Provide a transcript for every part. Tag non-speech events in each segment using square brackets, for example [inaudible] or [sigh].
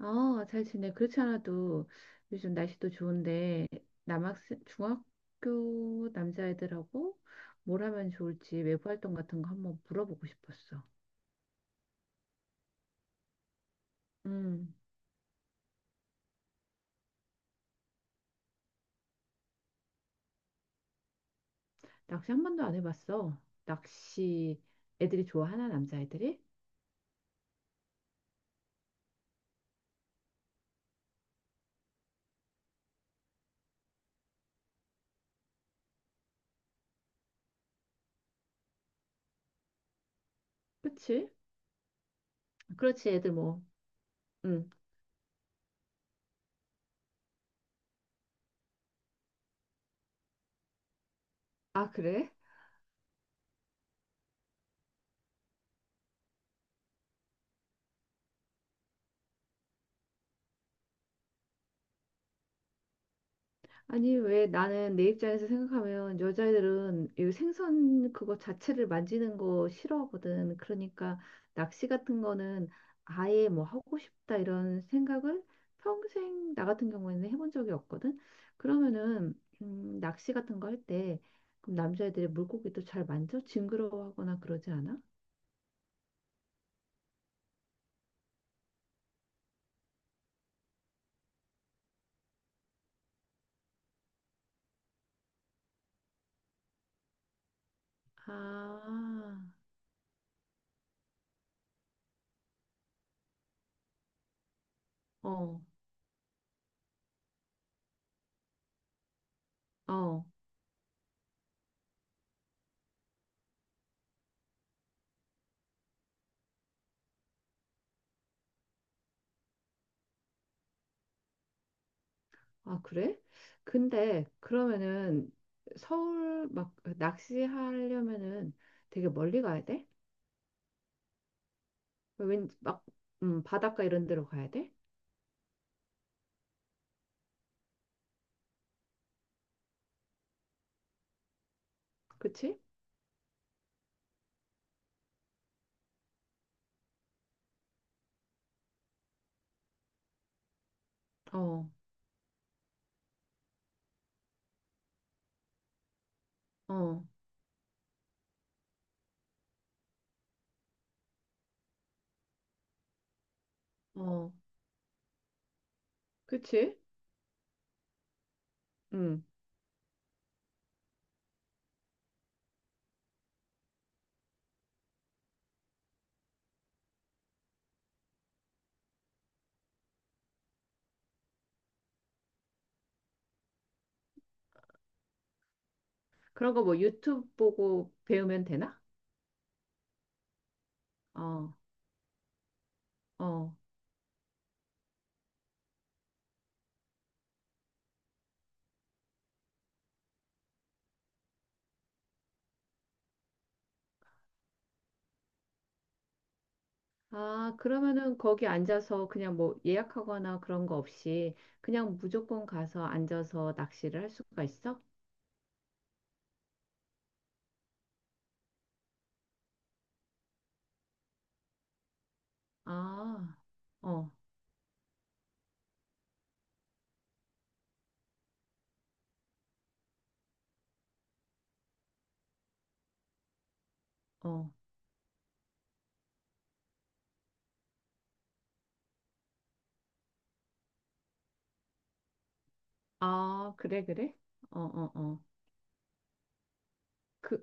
어, 잘 지내. 그렇지 않아도 요즘 날씨도 좋은데 남학생, 중학교 남자애들하고 뭘 하면 좋을지 외부 활동 같은 거 한번 물어보고 싶었어. 음, 낚시 한 번도 안 해봤어. 낚시 애들이 좋아하나, 남자애들이? 그치? 그렇지, 애들 뭐. 음. 아, 그래? 아니, 왜 나는 내 입장에서 생각하면 여자애들은 이 생선 그거 자체를 만지는 거 싫어하거든. 그러니까 낚시 같은 거는 아예 뭐 하고 싶다 이런 생각을 평생 나 같은 경우에는 해본 적이 없거든. 그러면은 낚시 같은 거 할 때 그럼 남자애들이 물고기도 잘 만져? 징그러워하거나 그러지 않아? 아, 어, 어. 아, 그래? 근데 그러면은 서울 막 낚시하려면은 되게 멀리 가야 돼? 왠 막, 바닷가 이런 데로 가야 돼? 그치? 어, 어, 어, 그치? 음, 그런 거 뭐 유튜브 보고 배우면 되나? 어, 어. 아, 그러면은 거기 앉아서 그냥 뭐 예약하거나 그런 거 없이 그냥 무조건 가서 앉아서 낚시를 할 수가 있어? 아, 어, 어. 아, 그래, 그래? 어, 어, 어. 그,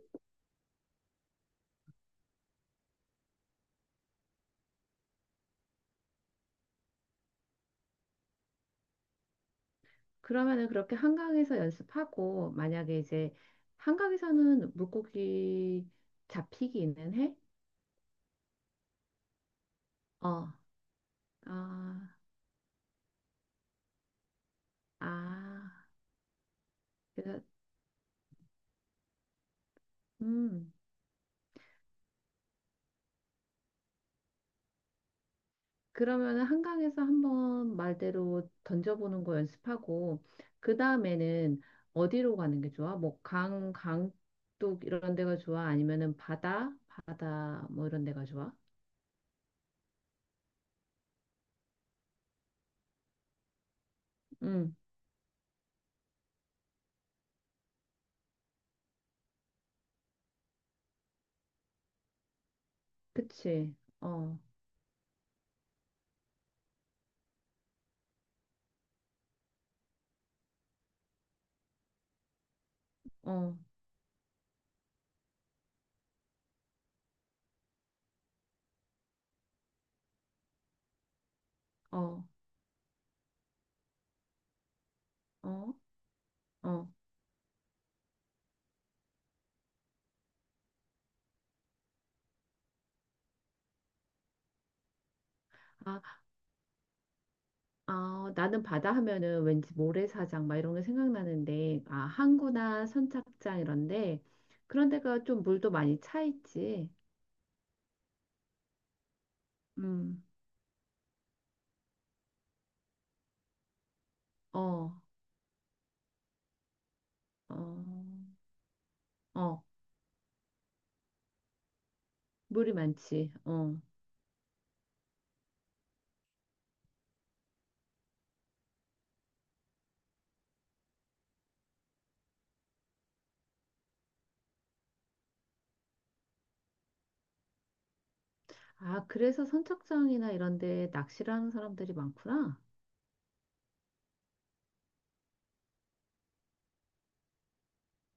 그러면은 그렇게 한강에서 연습하고, 만약에 이제 한강에서는 물고기 잡히기는 해? 어, 아, 아. 그래서, 음. 그러면은 한강에서 한번 말대로 던져보는 거 연습하고, 그 다음에는 어디로 가는 게 좋아? 뭐, 강, 강둑 이런 데가 좋아? 아니면은 바다? 바다, 뭐 이런 데가 좋아? 응, 그치. 어. 어. 어, 어, 어. 아, 아, 나는 바다 하면은 왠지 모래사장 막 이런 게 생각나는데, 아, 항구나 선착장 이런데, 그런 데가 좀 물도 많이 차 있지. 음, 어, 어, 어, 물이 많지. 어. 아, 그래서 선착장이나 이런 데 낚시를 하는 사람들이 많구나.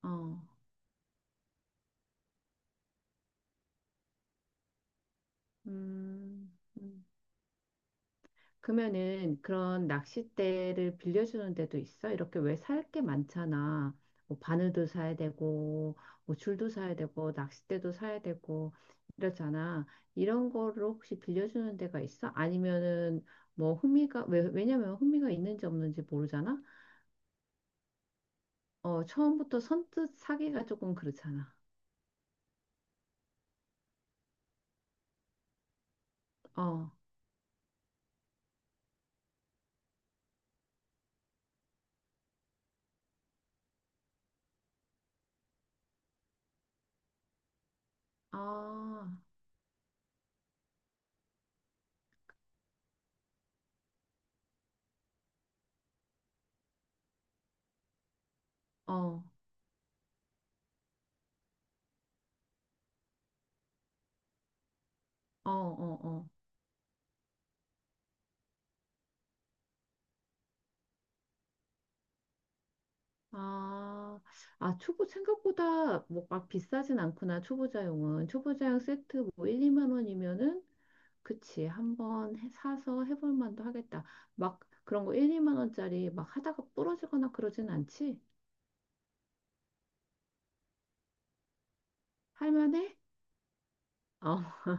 어, 음, 음. 그러면은 그런 낚싯대를 빌려주는 데도 있어? 이렇게 왜 살게 많잖아. 뭐 바늘도 사야 되고, 뭐 줄도 사야 되고, 낚싯대도 사야 되고, 이러잖아. 이런 거를 혹시 빌려주는 데가 있어? 아니면은 뭐 흥미가, 왜, 왜냐면 흥미가 있는지 없는지 모르잖아. 어, 처음부터 선뜻 사기가 조금 그렇잖아. 어, 아, 어, 어, 어, 어. 아, 아, 초보 생각보다 뭐 막 비싸진 않구나. 초보자용은 초보자용 세트 뭐 1, 2만 원이면은 그치. 한번 사서 해볼 만도 하겠다. 막 그런 거 1, 2만 원짜리 막 하다가 부러지거나 그러진 않지? 할 만해? 어, [laughs]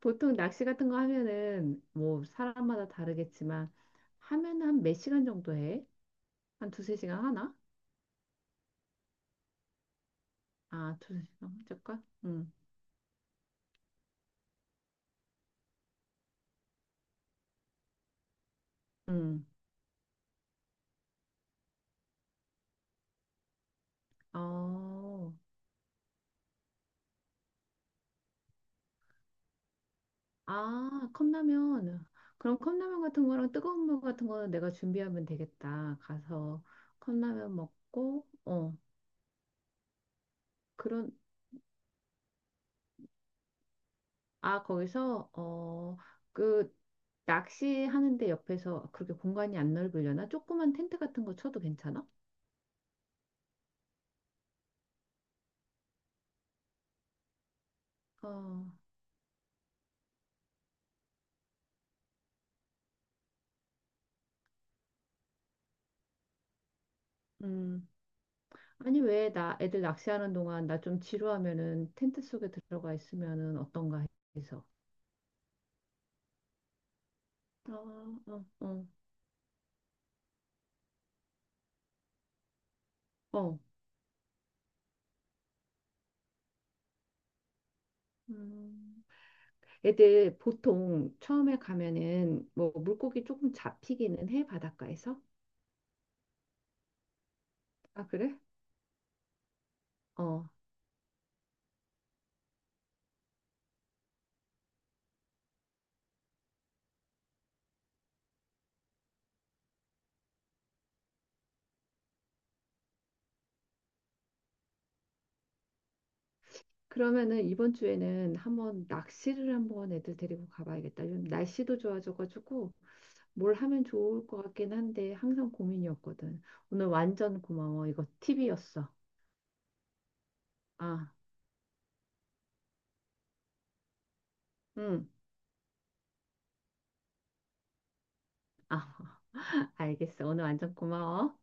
보통 낚시 같은 거 하면은 뭐 사람마다 다르겠지만 하면 한 몇 시간 정도 해? 한 두세 시간 하나? 아, 두세 시간 잠깐. 응. 응. 어. 아, 컵라면. 그럼 컵라면 같은 거랑 뜨거운 물 같은 거는 내가 준비하면 되겠다. 가서 컵라면 먹고, 어, 그런, 아, 거기서, 어, 그, 낚시하는데 옆에서 그렇게 공간이 안 넓으려나? 조그만 텐트 같은 거 쳐도 괜찮아? 어, 음. 아니, 왜 나 애들 낚시하는 동안 나 좀 지루하면은 텐트 속에 들어가 있으면은 어떤가 해서. 어, 어, 어, 어. 음. 애들 보통 처음에 가면은 뭐 물고기 조금 잡히기는 해, 바닷가에서? 아, 그래? 어. 그러면은 이번 주에는 한번 낚시를 한번 애들 데리고 가봐야겠다. 요즘 날씨도 좋아져가지고 뭘 하면 좋을 것 같긴 한데 항상 고민이었거든. 오늘 완전 고마워. 이거 팁이었어. 아, 응. 아, [laughs] 알겠어. 오늘 완전 고마워.